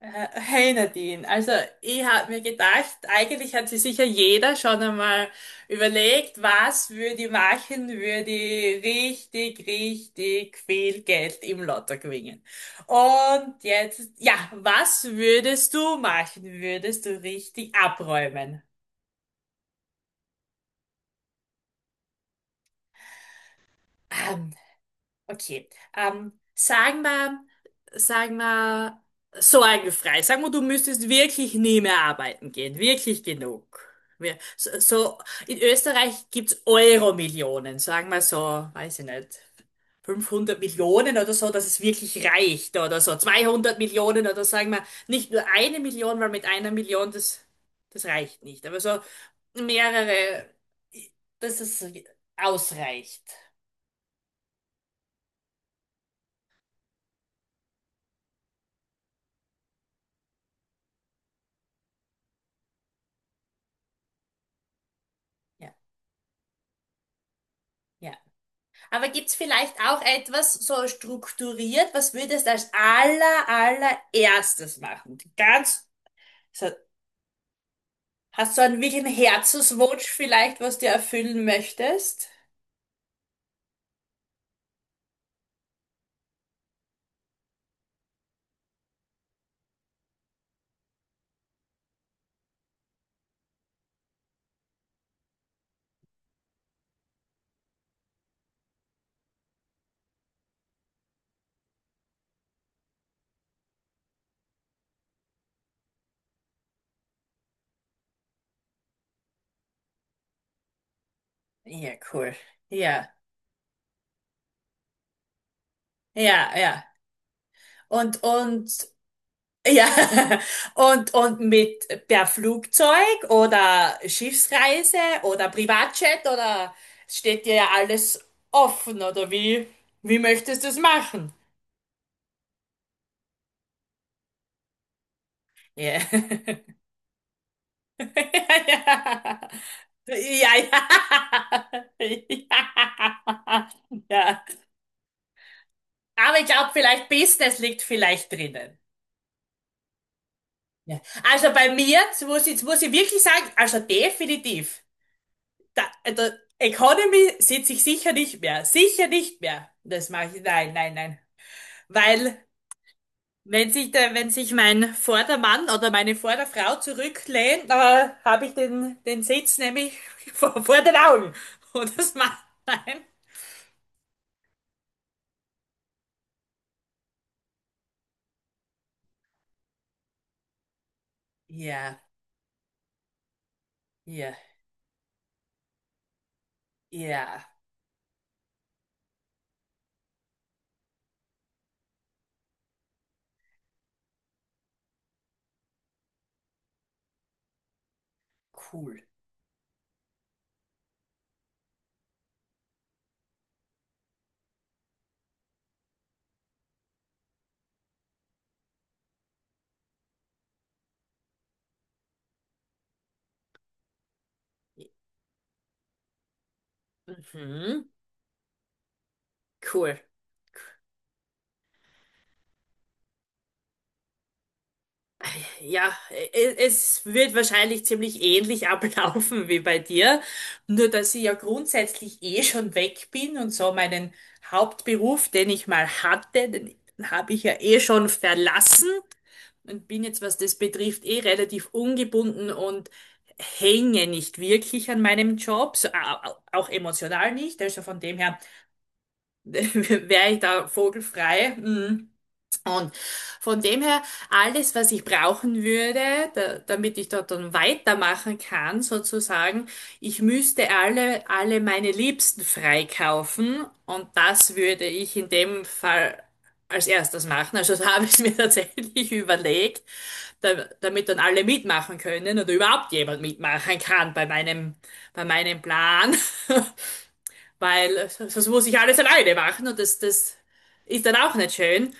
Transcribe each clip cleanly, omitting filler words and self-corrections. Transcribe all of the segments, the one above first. Hey Nadine, also ich habe mir gedacht, eigentlich hat sich sicher jeder schon einmal überlegt, was würde ich machen, würde ich richtig, richtig viel Geld im Lotto gewinnen. Und jetzt, ja, was würdest du machen? Würdest du richtig abräumen? Ähm, Okay. Ähm, sagen wir, sagen wir, sorgenfrei. Sagen wir, du müsstest wirklich nie mehr arbeiten gehen. Wirklich genug. Wir, so, in Österreich gibt's Euro-Millionen. Sagen wir so, weiß ich nicht, 500 Millionen oder so, dass es wirklich reicht oder so. 200 Millionen oder sagen wir nicht nur 1 Million, weil mit 1 Million das reicht nicht. Aber so mehrere, dass es ausreicht. Ja, ja. Aber gibt's vielleicht auch etwas so strukturiert, was würdest du als allererstes machen? Ganz, so, hast du einen wirklichen Herzenswunsch vielleicht, was du erfüllen möchtest? Ja, cool. Ja, ja, ja. Und, und, ja. Und mit per Flugzeug oder Schiffsreise oder Privatjet oder steht dir ja alles offen oder wie möchtest du es machen? Ja. Ja, ja. Ja. Ja. Ja. Aber ich glaube, vielleicht Business liegt vielleicht drinnen. Ja. Also bei mir, jetzt muss ich wirklich sagen, also definitiv. Da, also Economy sitze ich sicher nicht mehr. Sicher nicht mehr. Das mache ich. Nein, nein, nein. Weil wenn sich wenn sich mein Vordermann oder meine Vorderfrau zurücklehnt, habe ich den Sitz nämlich vor den Augen. Und das macht nein. Ja, ja, ja, cool. Mhm, cool. Ja, es wird wahrscheinlich ziemlich ähnlich ablaufen wie bei dir, nur dass ich ja grundsätzlich eh schon weg bin und so meinen Hauptberuf, den ich mal hatte, den habe ich ja eh schon verlassen und bin jetzt, was das betrifft, eh relativ ungebunden und hänge nicht wirklich an meinem Job, so, auch emotional nicht, also von dem her wäre ich da vogelfrei. Mm. Und von dem her, alles, was ich brauchen würde, damit ich dort dann weitermachen kann, sozusagen, ich müsste alle meine Liebsten freikaufen und das würde ich in dem Fall als erstes machen. Also da habe ich mir tatsächlich überlegt, da, damit dann alle mitmachen können oder überhaupt jemand mitmachen kann bei meinem Plan, weil sonst muss ich alles alleine machen und das ist dann auch nicht schön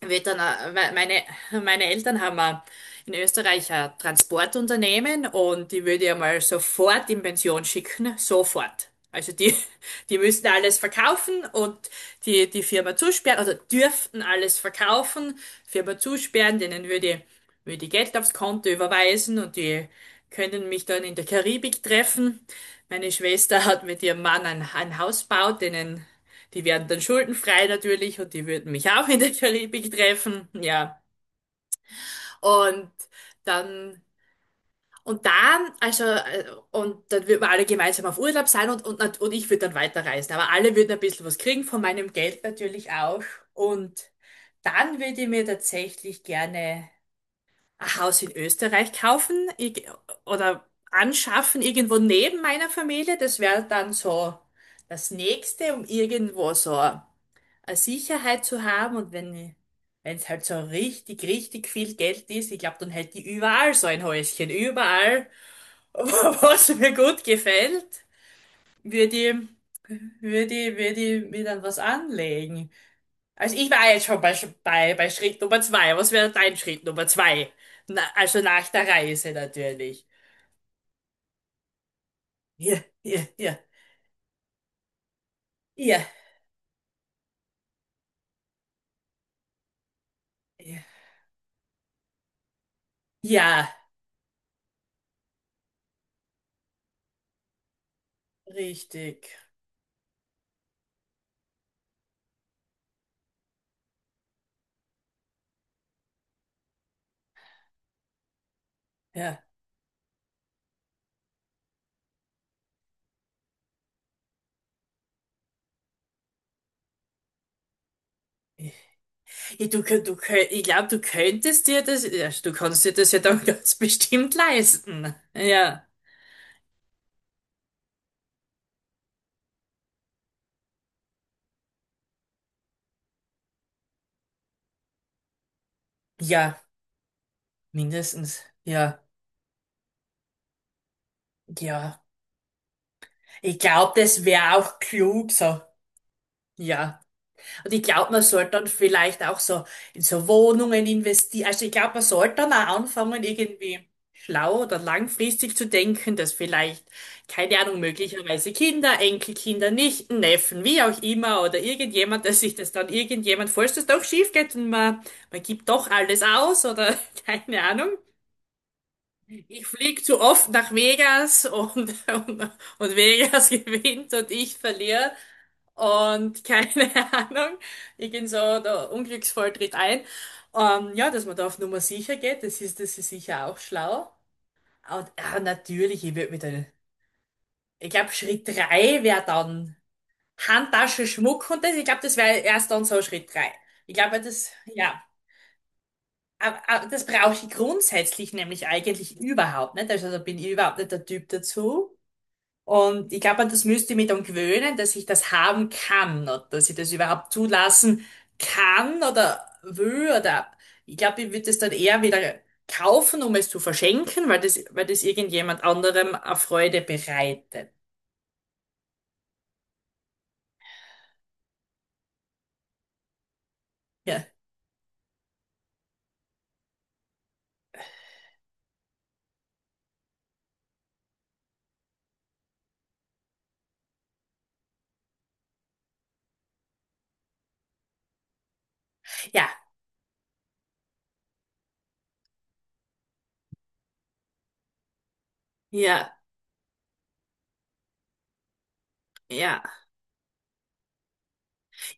wird dann, meine Eltern haben in Österreich ein Transportunternehmen und die würde ich mal sofort in Pension schicken, sofort. Also die, die müssten alles verkaufen und die Firma zusperren, oder dürften alles verkaufen, Firma zusperren, denen würde ich Geld aufs Konto überweisen und die können mich dann in der Karibik treffen. Meine Schwester hat mit ihrem Mann ein Haus gebaut, denen die werden dann schuldenfrei natürlich und die würden mich auch in der Karibik treffen. Ja. Und dann, also, und dann würden wir alle gemeinsam auf Urlaub sein und ich würde dann weiterreisen. Aber alle würden ein bisschen was kriegen von meinem Geld natürlich auch. Und dann würde ich mir tatsächlich gerne ein Haus in Österreich kaufen oder anschaffen, irgendwo neben meiner Familie. Das wäre dann so das nächste, um irgendwo so eine Sicherheit zu haben und wenn es halt so richtig, richtig viel Geld ist, ich glaube, dann hätte ich überall so ein Häuschen, überall, was mir gut gefällt, würde ich, würde ich mir dann was anlegen. Also ich war jetzt schon bei Schritt Nummer zwei. Was wäre dein Schritt Nummer zwei? Na, also nach der Reise natürlich. Ja, ja, ja, ja, ja, ja, richtig. Ja. Ja. Ich glaube, du könntest dir das, ja, du kannst dir das ja dann ganz bestimmt leisten. Ja, ja, mindestens. Ja, ja. Ich glaube, das wäre auch klug so. Ja. Und ich glaube, man sollte dann vielleicht auch so in so Wohnungen investieren. Also ich glaube, man sollte dann auch anfangen, irgendwie schlau oder langfristig zu denken, dass vielleicht, keine Ahnung, möglicherweise Kinder, Enkelkinder, Nichten, Neffen, wie auch immer, oder irgendjemand, dass sich das dann irgendjemand, falls das doch schief geht und man gibt doch alles aus oder keine Ahnung. Ich fliege zu oft nach Vegas und, und Vegas gewinnt und ich verliere und keine Ahnung. Ich gehe so der Unglücksfall tritt ein. Ja, dass man da auf Nummer sicher geht, das ist sicher auch schlau. Und natürlich, ich würde mit der, ich glaube, Schritt drei wäre dann Handtasche, Schmuck und das. Ich glaube, das wäre erst dann so Schritt drei. Ich glaube, das, ja. Aber das brauche ich grundsätzlich nämlich eigentlich überhaupt nicht. Also da bin ich überhaupt nicht der Typ dazu. Und ich glaube, an das müsste ich mich dann gewöhnen, dass ich das haben kann oder dass ich das überhaupt zulassen kann oder will oder ich glaube, ich würde es dann eher wieder kaufen, um es zu verschenken, weil das irgendjemand anderem eine Freude bereitet. Ja, ja, ja, ja.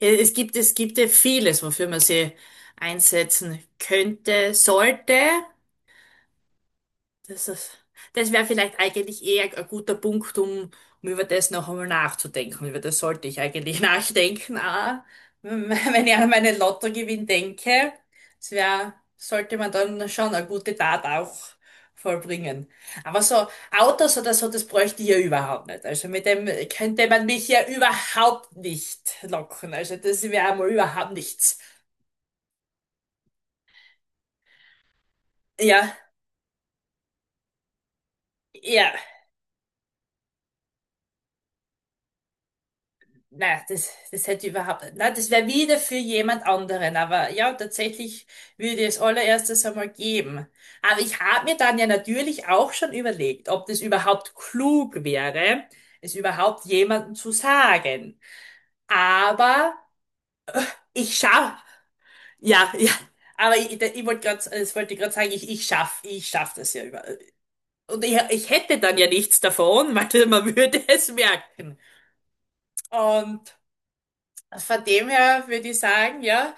Ja. Es gibt ja vieles, wofür man sie einsetzen könnte, sollte. Das ist, das wäre vielleicht eigentlich eher ein guter Punkt, um über das noch einmal nachzudenken. Über das sollte ich eigentlich nachdenken. Wenn ich an meinen Lottogewinn denke, sollte man dann schon eine gute Tat auch vollbringen. Aber so Autos oder so, das bräuchte ich ja überhaupt nicht. Also mit dem könnte man mich ja überhaupt nicht locken. Also das wäre mal überhaupt nichts. Ja, ja. Na, das hätte ich überhaupt nicht. Na, das wäre wieder für jemand anderen. Aber ja, tatsächlich würde ich es allererstes einmal geben. Aber ich habe mir dann ja natürlich auch schon überlegt, ob das überhaupt klug wäre, es überhaupt jemandem zu sagen. Aber ich schaff, ja, ja. Aber ich wollte gerade, das wollte ich gerade sagen, ich schaff das ja über. Und ich hätte dann ja nichts davon, weil man würde es merken. Und von dem her würde ich sagen, ja.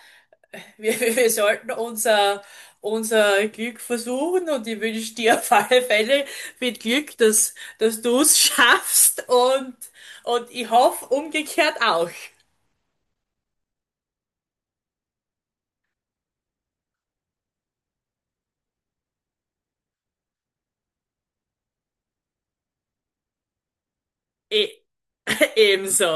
Wir sollten unser Glück versuchen und ich wünsche dir auf alle Fälle viel Glück, dass du es schaffst und ich hoffe umgekehrt auch. E Ebenso.